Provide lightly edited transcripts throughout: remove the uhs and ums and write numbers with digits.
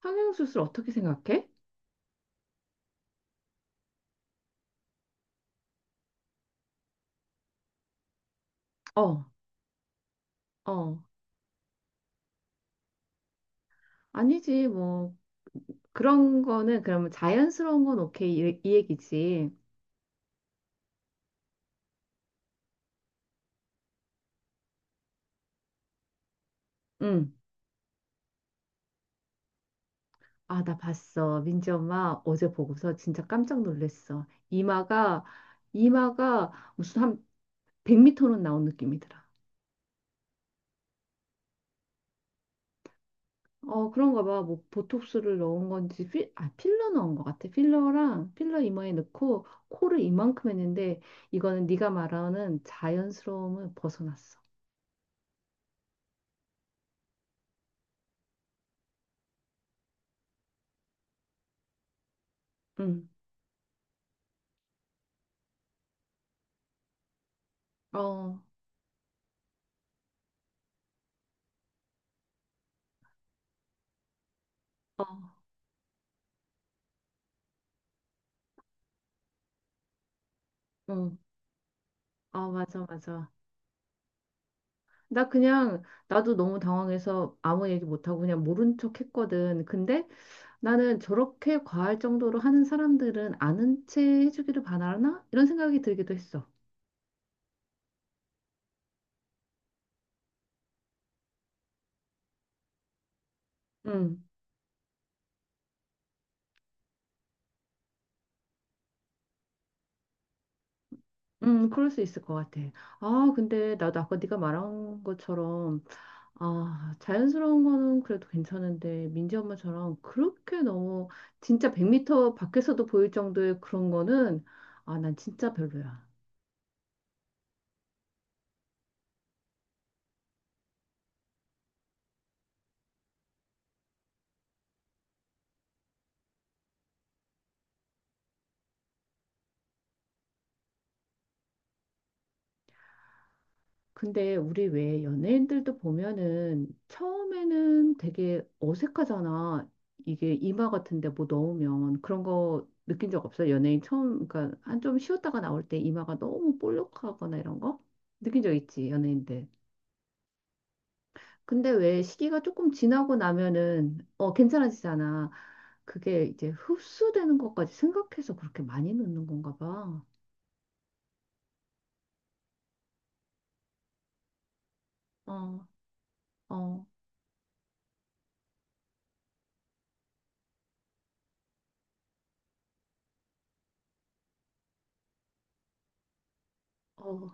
성형수술 어떻게 생각해? 어, 어. 아니지, 뭐. 그런 거는 그러면 자연스러운 건 오케이. 이 얘기지. 응. 아, 나 봤어. 민지 엄마 어제 보고서 진짜 깜짝 놀랐어. 이마가 무슨 한 100m는 나온 느낌이더라. 어, 그런가 봐. 뭐, 보톡스를 넣은 건지, 필러 넣은 것 같아. 필러랑, 필러 이마에 넣고, 코를 이만큼 했는데, 이거는 네가 말하는 자연스러움을 벗어났어. 응. 어, 어, 어, 아, 맞아, 맞아. 나 그냥, 나도 너무 당황해서 아무 얘기 못하고 그냥 모른 척 했거든. 근데 나는 저렇게 과할 정도로 하는 사람들은 아는 채 해주기를 바라나? 이런 생각이 들기도 했어. 음, 그럴 수 있을 것 같아. 아, 근데 나도 아까 네가 말한 것처럼, 아, 자연스러운 거는 그래도 괜찮은데, 민지 엄마처럼 그렇게 너무, 진짜 100m 밖에서도 보일 정도의 그런 거는, 아, 난 진짜 별로야. 근데 우리 왜 연예인들도 보면은 처음에는 되게 어색하잖아. 이게 이마 같은데 뭐 넣으면 그런 거 느낀 적 없어? 연예인 처음, 그러니까 한 좀 쉬었다가 나올 때 이마가 너무 볼록하거나 이런 거? 느낀 적 있지, 연예인들. 근데 왜 시기가 조금 지나고 나면은 어, 괜찮아지잖아. 그게 이제 흡수되는 것까지 생각해서 그렇게 많이 넣는 건가 봐. 어, 어, 어,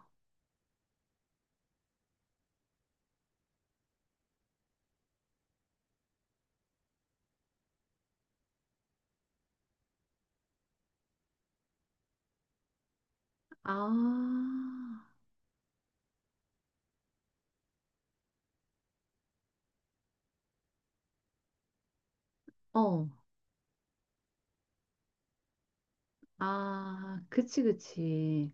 아, 어. 아, 그치, 그치.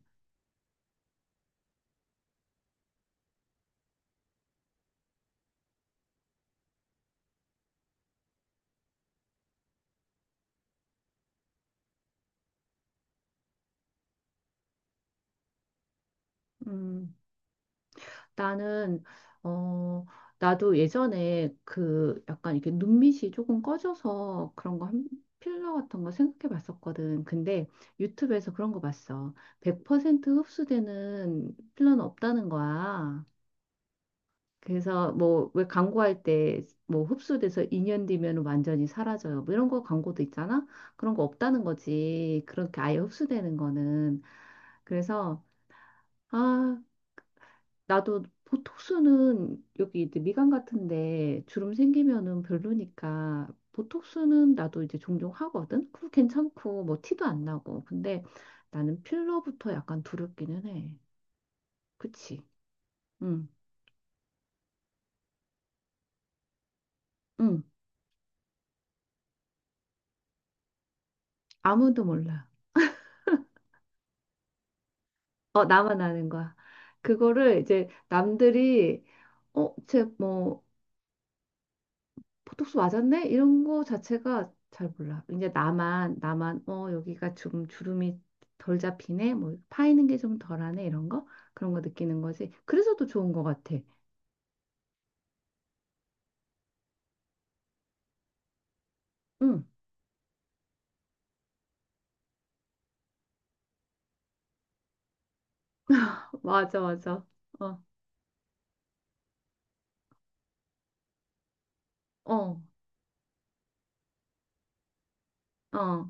음, 나는, 어, 나도 예전에 그 약간 이렇게 눈밑이 조금 꺼져서 그런 거 한, 필러 같은 거 생각해 봤었거든. 근데 유튜브에서 그런 거 봤어. 100% 흡수되는 필러는 없다는 거야. 그래서 뭐 왜 광고할 때 뭐 흡수돼서 2년 뒤면 완전히 사라져요. 뭐 이런 거 광고도 있잖아. 그런 거 없다는 거지. 그렇게 아예 흡수되는 거는. 그래서 아, 나도 보톡스는 여기 이제 미간 같은데 주름 생기면은 별로니까 보톡스는 나도 이제 종종 하거든. 그거 괜찮고 뭐 티도 안 나고. 근데 나는 필러부터 약간 두렵기는 해. 그치? 응, 응. 아무도 몰라. 어, 나만 아는 거야. 그거를 이제 남들이 어, 쟤뭐 보톡스 맞았네? 이런 거 자체가 잘 몰라. 이제 나만, 나만, 어, 여기가 좀 주름이 덜 잡히네? 뭐, 파이는 게 좀 덜하네? 이런 거? 그런 거 느끼는 거지. 그래서 더 좋은 거 같아. 응, 맞아, 맞아. 어, 어, 어,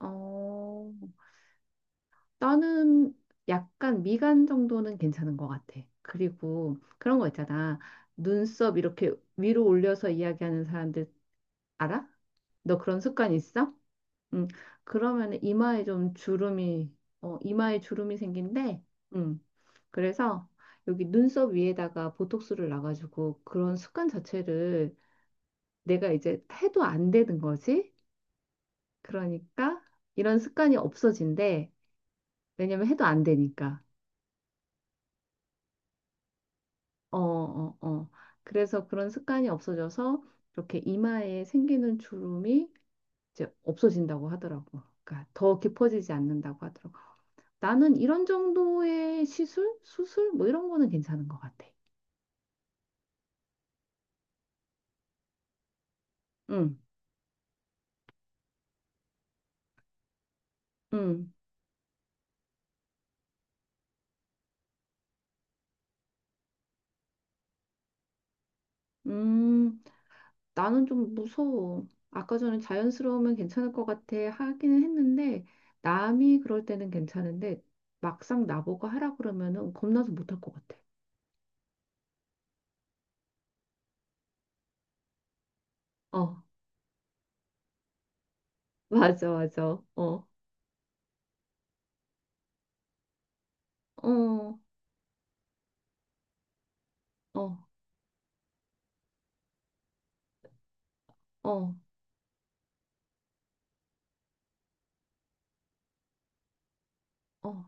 어. 나는 약간 미간 정도는 괜찮은 것 같아. 그리고 그런 거 있잖아. 눈썹 이렇게 위로 올려서 이야기하는 사람들 알아? 너 그런 습관 있어? 음, 그러면 이마에 좀 주름이, 어, 이마에 주름이 생긴대. 음, 그래서 여기 눈썹 위에다가 보톡스를 놔가지고 그런 습관 자체를 내가 이제 해도 안 되는 거지. 그러니까 이런 습관이 없어진대. 왜냐면 해도 안 되니까. 어, 어, 어. 그래서 그런 습관이 없어져서 이렇게 이마에 생기는 주름이 이제 없어진다고 하더라고. 그러니까 더 깊어지지 않는다고 하더라고. 나는 이런 정도의 시술, 수술 뭐 이런 거는 괜찮은 것 같아. 응, 응, 음, 나는 좀 무서워. 아까 전에 자연스러우면 괜찮을 것 같아 하기는 했는데 남이 그럴 때는 괜찮은데 막상 나보고 하라 그러면은 겁나서 못할 것 같아. 어, 맞아, 맞아. 어, 어, 어, 어, 어,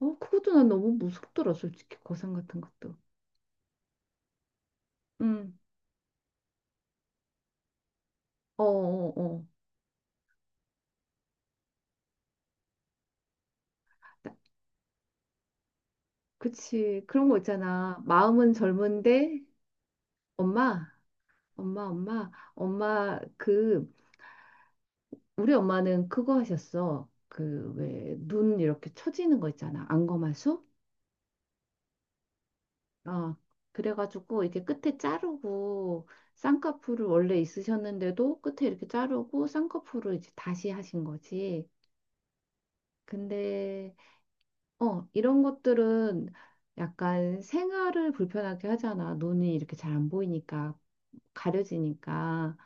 어. 그것도 난 너무 무섭더라, 솔직히 고상 같은 것도. 응, 어, 어, 어. 그치. 그런 거 있잖아. 마음은 젊은데, 엄마, 엄마, 그, 우리 엄마는 그거 하셨어. 그, 왜, 눈 이렇게 처지는 거 있잖아. 안검하수? 어. 그래가지고, 이렇게 끝에 자르고, 쌍꺼풀을 원래 있으셨는데도 끝에 이렇게 자르고, 쌍꺼풀을 이제 다시 하신 거지. 근데, 어, 이런 것들은 약간 생활을 불편하게 하잖아. 눈이 이렇게 잘 안 보이니까. 가려지니까.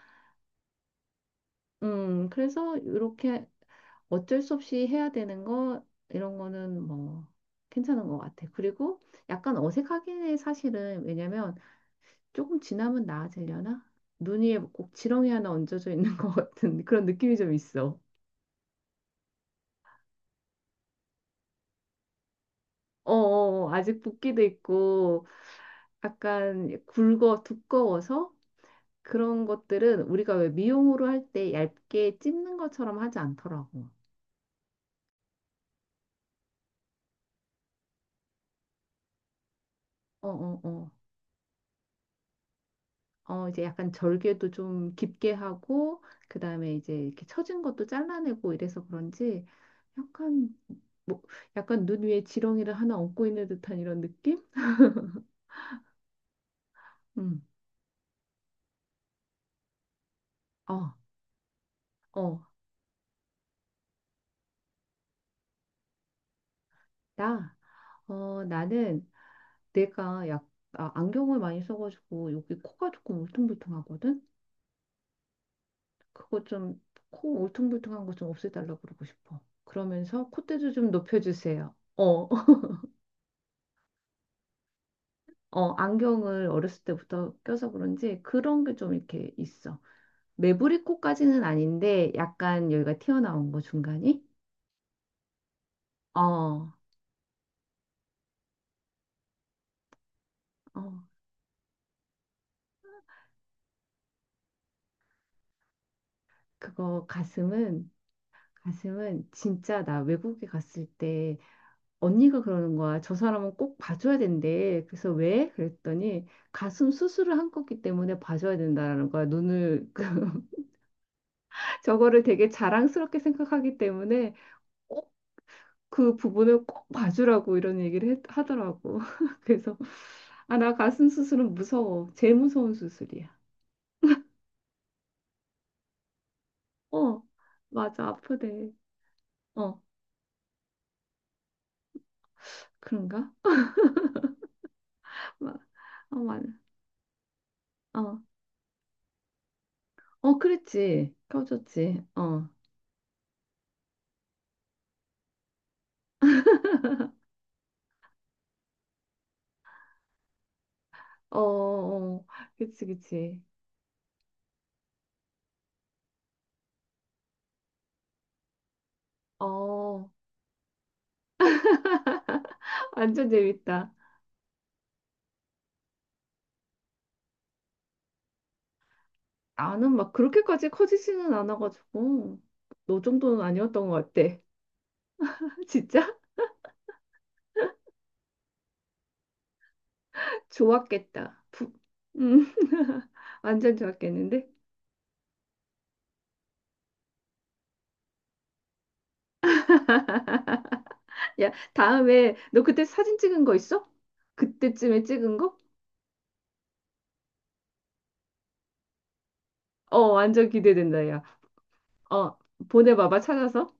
그래서 이렇게 어쩔 수 없이 해야 되는 거, 이런 거는 뭐 괜찮은 것 같아. 그리고 약간 어색하긴 해, 사실은. 왜냐면 조금 지나면 나아지려나? 눈 위에 꼭 지렁이 하나 얹어져 있는 것 같은 그런 느낌이 좀 있어. 어어 어. 아직 붓기도 있고, 약간 굵어, 두꺼워서 그런 것들은 우리가 왜 미용으로 할 때 얇게 찝는 것처럼 하지 않더라고. 어어어. 어, 이제 약간 절개도 좀 깊게 하고, 그 다음에 이제 이렇게 처진 것도 잘라내고 이래서 그런지, 약간, 뭐, 약간 눈 위에 지렁이를 하나 얹고 있는 듯한 이런 느낌? 음. 어, 어, 나, 어, 나는 내가 안경을 많이 써가지고 여기 코가 조금 울퉁불퉁하거든? 그거 좀, 코 울퉁불퉁한 거 좀 없애달라고 그러고 싶어. 그러면서 콧대도 좀 높여주세요. 어, 어, 안경을 어렸을 때부터 껴서 그런지 그런 게 좀 이렇게 있어. 매부리 코까지는 아닌데 약간 여기가 튀어나온 거 중간이? 어, 어, 그거 가슴은 진짜 나 외국에 갔을 때 언니가 그러는 거야. 저 사람은 꼭 봐줘야 된대. 그래서 왜? 그랬더니 가슴 수술을 한 거기 때문에 봐줘야 된다라는 거야. 눈을 그 저거를 되게 자랑스럽게 생각하기 때문에 그 부분을 꼭 봐주라고 이런 얘기를 하더라고. 그래서 아, 나 가슴 수술은 무서워. 제일 무서운 수술이야. 어, 맞아. 아프대. 어, 그런가? 마- 어, 맞아. 어, 어, 그랬지. 커졌지. 어, 어, 어, 그치, 그치. 어, 완전 재밌다. 나는 막 그렇게까지 커지지는 않아가지고 너 정도는 아니었던 것 같아. 진짜 좋았겠다. 음, 완전 좋았겠는데? 야, 다음에 너 그때 사진 찍은 거 있어? 그때쯤에 찍은 거? 어, 완전 기대된다, 야. 어, 보내봐봐, 찾아서.